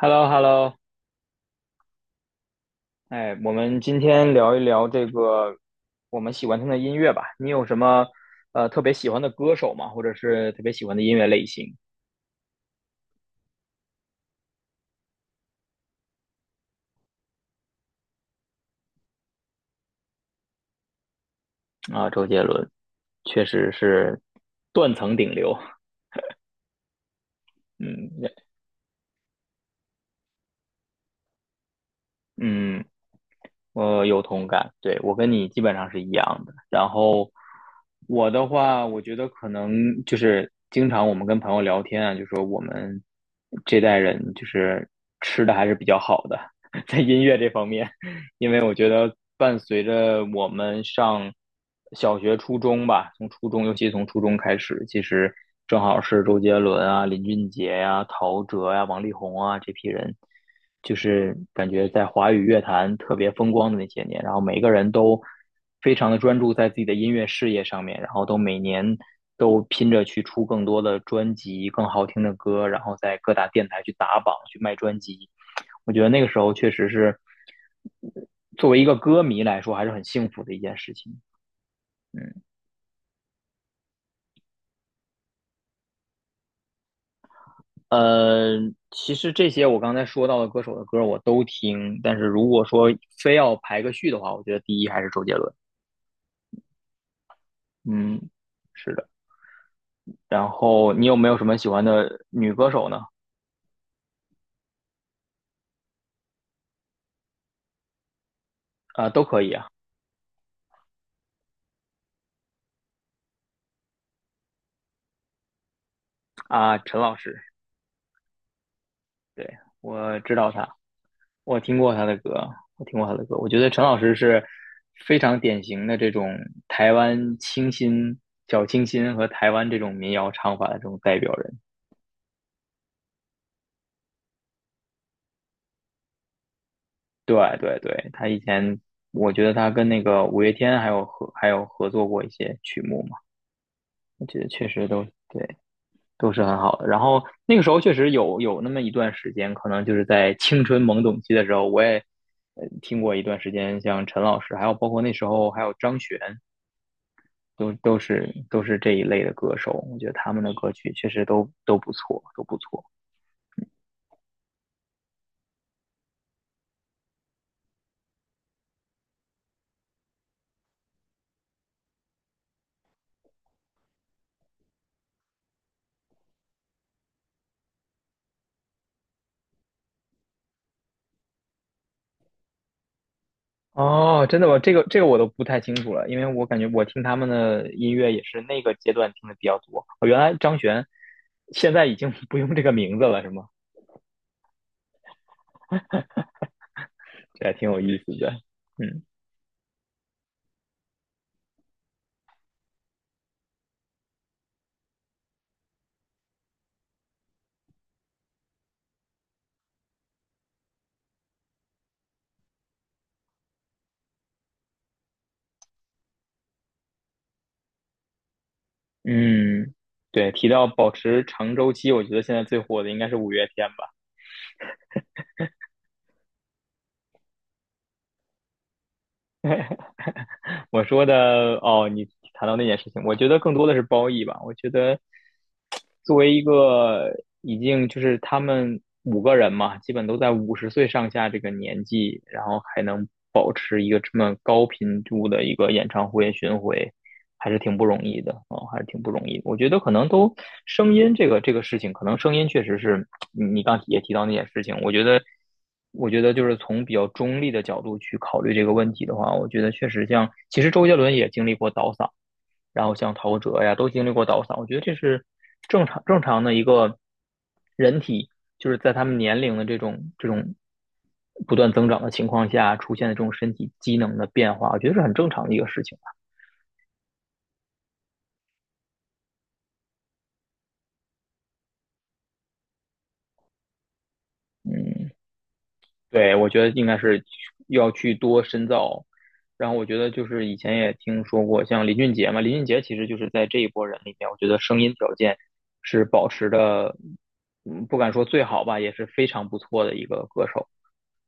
h e l l o h e l l o 哎，我们今天聊一聊我们喜欢听的音乐吧。你有什么特别喜欢的歌手吗？或者是特别喜欢的音乐类型啊？周杰伦确实是断层顶流。嗯嗯有同感，对，我跟你基本上是一样的。然后我的话，我觉得可能就是经常我们跟朋友聊天啊，就说我们这代人就是吃的还是比较好的，在音乐这方面，因为我觉得伴随着我们上小学、初中吧，从初中，尤其从初中开始，其实正好是周杰伦啊、林俊杰呀、陶喆呀、王力宏啊这批人。就是感觉在华语乐坛特别风光的那些年，然后每个人都非常的专注在自己的音乐事业上面，然后都每年都拼着去出更多的专辑、更好听的歌，然后在各大电台去打榜、去卖专辑。我觉得那个时候确实是作为一个歌迷来说，还是很幸福的一件事情。呃，其实这些我刚才说到的歌手的歌我都听，但是如果说非要排个序的话，我觉得第一还是周杰伦。嗯，是的。然后你有没有什么喜欢的女歌手呢？啊、都可以啊。啊，陈老师，对，我知道他，我听过他的歌，我听过他的歌。我觉得陈老师是非常典型的这种台湾清新、小清新和台湾这种民谣唱法的这种代表人。对对对，他以前我觉得他跟那个五月天还有合作过一些曲目嘛，我觉得确实都对。都是很好的。然后那个时候确实有那么一段时间，可能就是在青春懵懂期的时候，我也听过一段时间，像陈老师，还有包括那时候还有张悬，都是这一类的歌手。我觉得他们的歌曲确实都不错，都不错。哦，真的吗？这个我都不太清楚了，因为我感觉我听他们的音乐也是那个阶段听的比较多。哦，原来张悬现在已经 不用这个名字了，是吗？这还挺有意思的。嗯。嗯，对，提到保持长周期，我觉得现在最火的应该是五月天吧。我说的，哦，你谈到那件事情，我觉得更多的是褒义吧。我觉得作为一个已经就是他们五个人嘛，基本都在五十岁上下这个年纪，然后还能保持一个这么高频度的一个演唱会巡回，还是挺不容易的啊、哦还是挺不容易的我觉得可能都声音这个这个事情，可能声音确实是你刚也提到那件事情，我觉得。我觉得就是从比较中立的角度去考虑这个问题的话，我觉得确实像，其实周杰伦也经历过倒嗓然后像陶喆呀，都经历过倒嗓，我觉得这是正常的一个人体，就是在他们年龄的这种这种不断增长的情况下出现的这种身体机能的变化，我觉得是很正常的一个事情吧。嗯，对，我觉得应该是要去多深造。然后我觉得就是以前也听说过，像林俊杰嘛，林俊杰其实就是在这一波人里面，我觉得声音条件是保持的，嗯，不敢说最好吧，也是非常不错的一个歌手。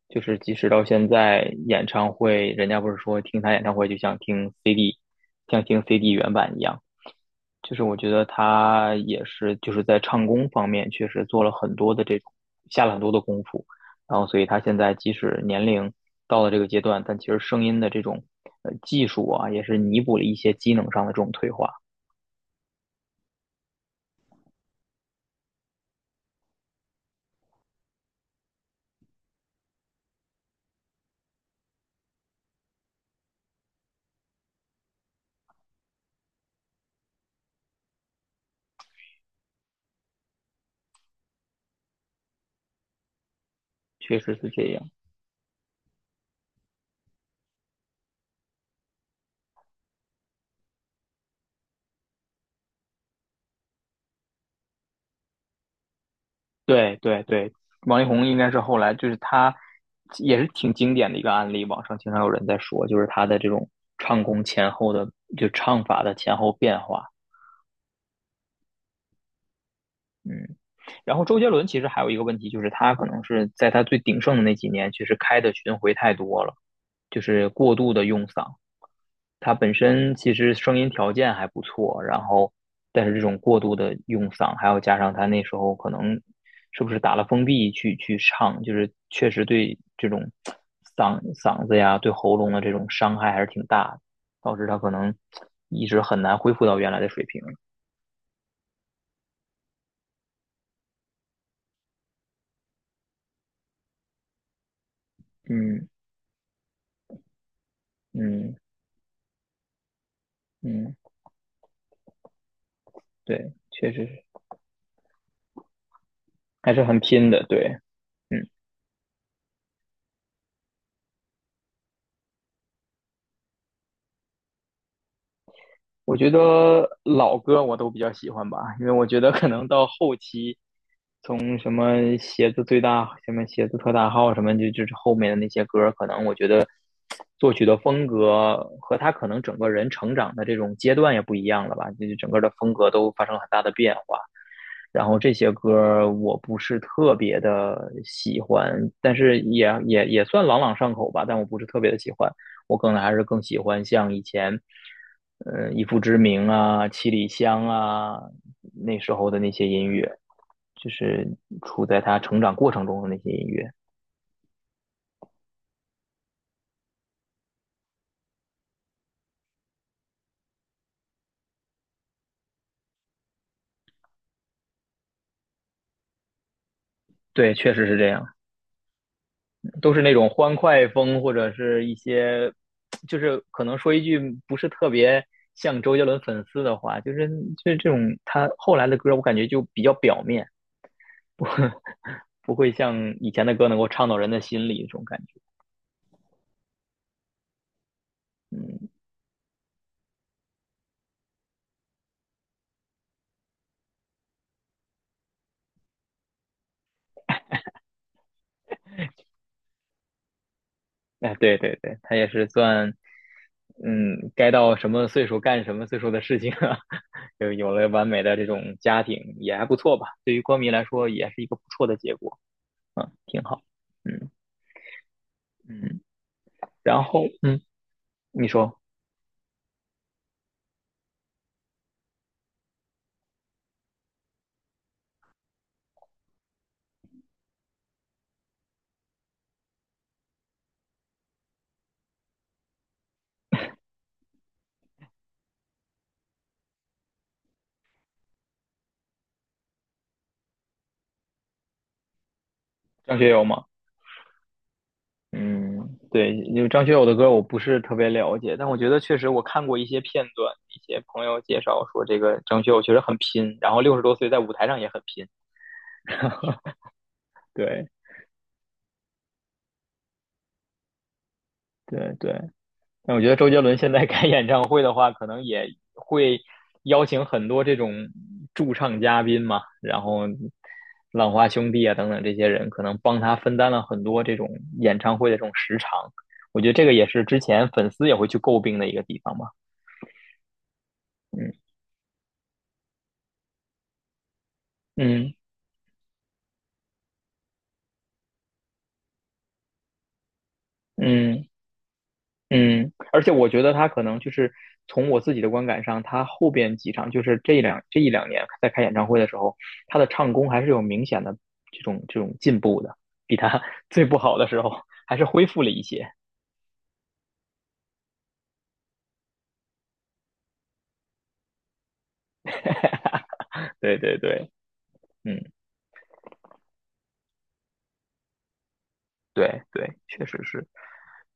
就是即使到现在，演唱会人家不是说听他演唱会就像听 CD,像听 CD 原版一样。就是我觉得他也是就是在唱功方面确实做了很多的这种下了很多的功夫，然后所以他现在即使年龄到了这个阶段，但其实声音的这种技术啊，也是弥补了一些机能上的这种退化，确实是这样。对对对，王力宏应该是后来就是他也是挺经典的一个案例，网上经常有人在说，就是他的这种唱功前后的就唱法的前后变化。嗯，然后周杰伦其实还有一个问题，就是他可能是在他最鼎盛的那几年，其实开的巡回太多了，就是过度的用嗓。他本身其实声音条件还不错，然后但是这种过度的用嗓，还有加上他那时候可能是不是打了封闭去唱，就是确实对这种嗓子呀、对喉咙的这种伤害还是挺大的，导致他可能一直很难恢复到原来的水平。嗯嗯嗯，对，确实是还是很拼的，对。嗯。我觉得老歌我都比较喜欢吧，因为我觉得可能到后期从什么鞋子最大、什么鞋子特大号什么，就是后面的那些歌可能我觉得作曲的风格和他可能整个人成长的这种阶段也不一样了吧，就是整个的风格都发生了很大的变化。然后这些歌我不是特别的喜欢，但是也算朗朗上口吧，但我不是特别的喜欢。我可能还是更喜欢像以前，以父之名啊、七里香啊那时候的那些音乐，就是处在他成长过程中的那些音乐。对，确实是这样。都是那种欢快风，或者是一些，就是可能说一句不是特别像周杰伦粉丝的话，就是这种他后来的歌，我感觉就比较表面，不 不会像以前的歌能够唱到人的心里这种感觉。嗯，哎，对对对，他也是算，嗯，该到什么岁数干什么岁数的事情啊，就有了完美的这种家庭也还不错吧，对于歌迷来说也是一个不错的结果，嗯，挺好，嗯嗯，然后嗯。你说张学友吗？嗯，对，因为张学友的歌我不是特别了解，但我觉得确实我看过一些片段，一些朋友介绍说这个张学友确实很拼，然后六十多岁在舞台上也很拼。对对对，但我觉得周杰伦现在开演唱会的话，可能也会邀请很多这种驻唱嘉宾嘛，然后浪花兄弟啊等等这些人，可能帮他分担了很多这种演唱会的这种时长。我觉得这个也是之前粉丝也会去诟病的一个地方嘛。嗯嗯嗯，嗯，而且我觉得他可能就是从我自己的观感上，他后边几场就是这一两年在开演唱会的时候，他的唱功还是有明显的这种进步的，比他 最不好的时候还是恢复了一些。对对对，嗯，对对，确实是。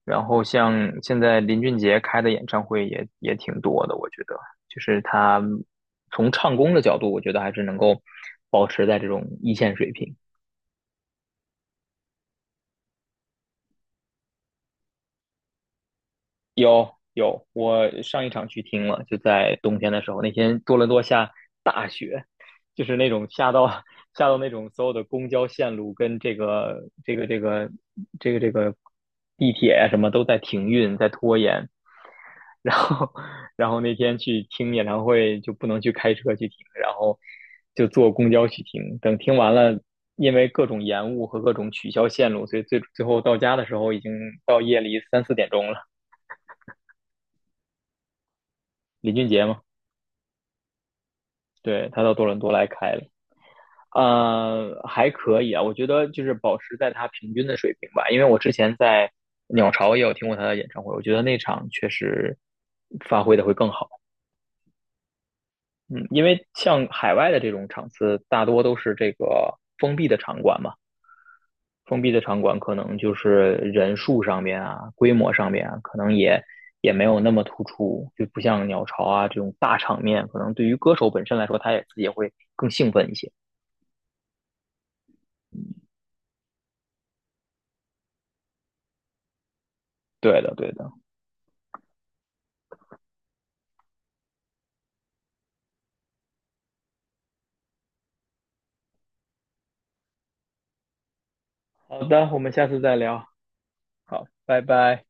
然后像现在林俊杰开的演唱会也挺多的，我觉得就是他从唱功的角度，我觉得还是能够保持在这种一线水平。有有，我上一场去听了，就在冬天的时候，那天多伦多下，就是那种下到 下到那种所有的公交线路跟这个地铁啊什么都在停运，在拖延。然后 然后那天去听演唱会就不能去开车去听，然后就坐公交去听。等听完了，因为各种延误和各种取消线路，所以最后到家的时候已经到夜里三四点钟了。林俊杰嘛。对，他到多伦多来开了，呃，还可以啊，我觉得就是保持在他平均的水平吧，因为我之前在鸟巢也有听过他的演唱会，我觉得那场确实发挥的会更好，嗯，因为像海外的这种场次，大多都是这个封闭的场馆嘛，封闭的场馆可能就是人数上面啊，规模上面啊，可能也没有那么突出，就不像鸟巢啊这种大场面，可能对于歌手本身来说，他也自己也会更兴奋一些，对的，对的。好的，我们下次再聊。好，拜拜。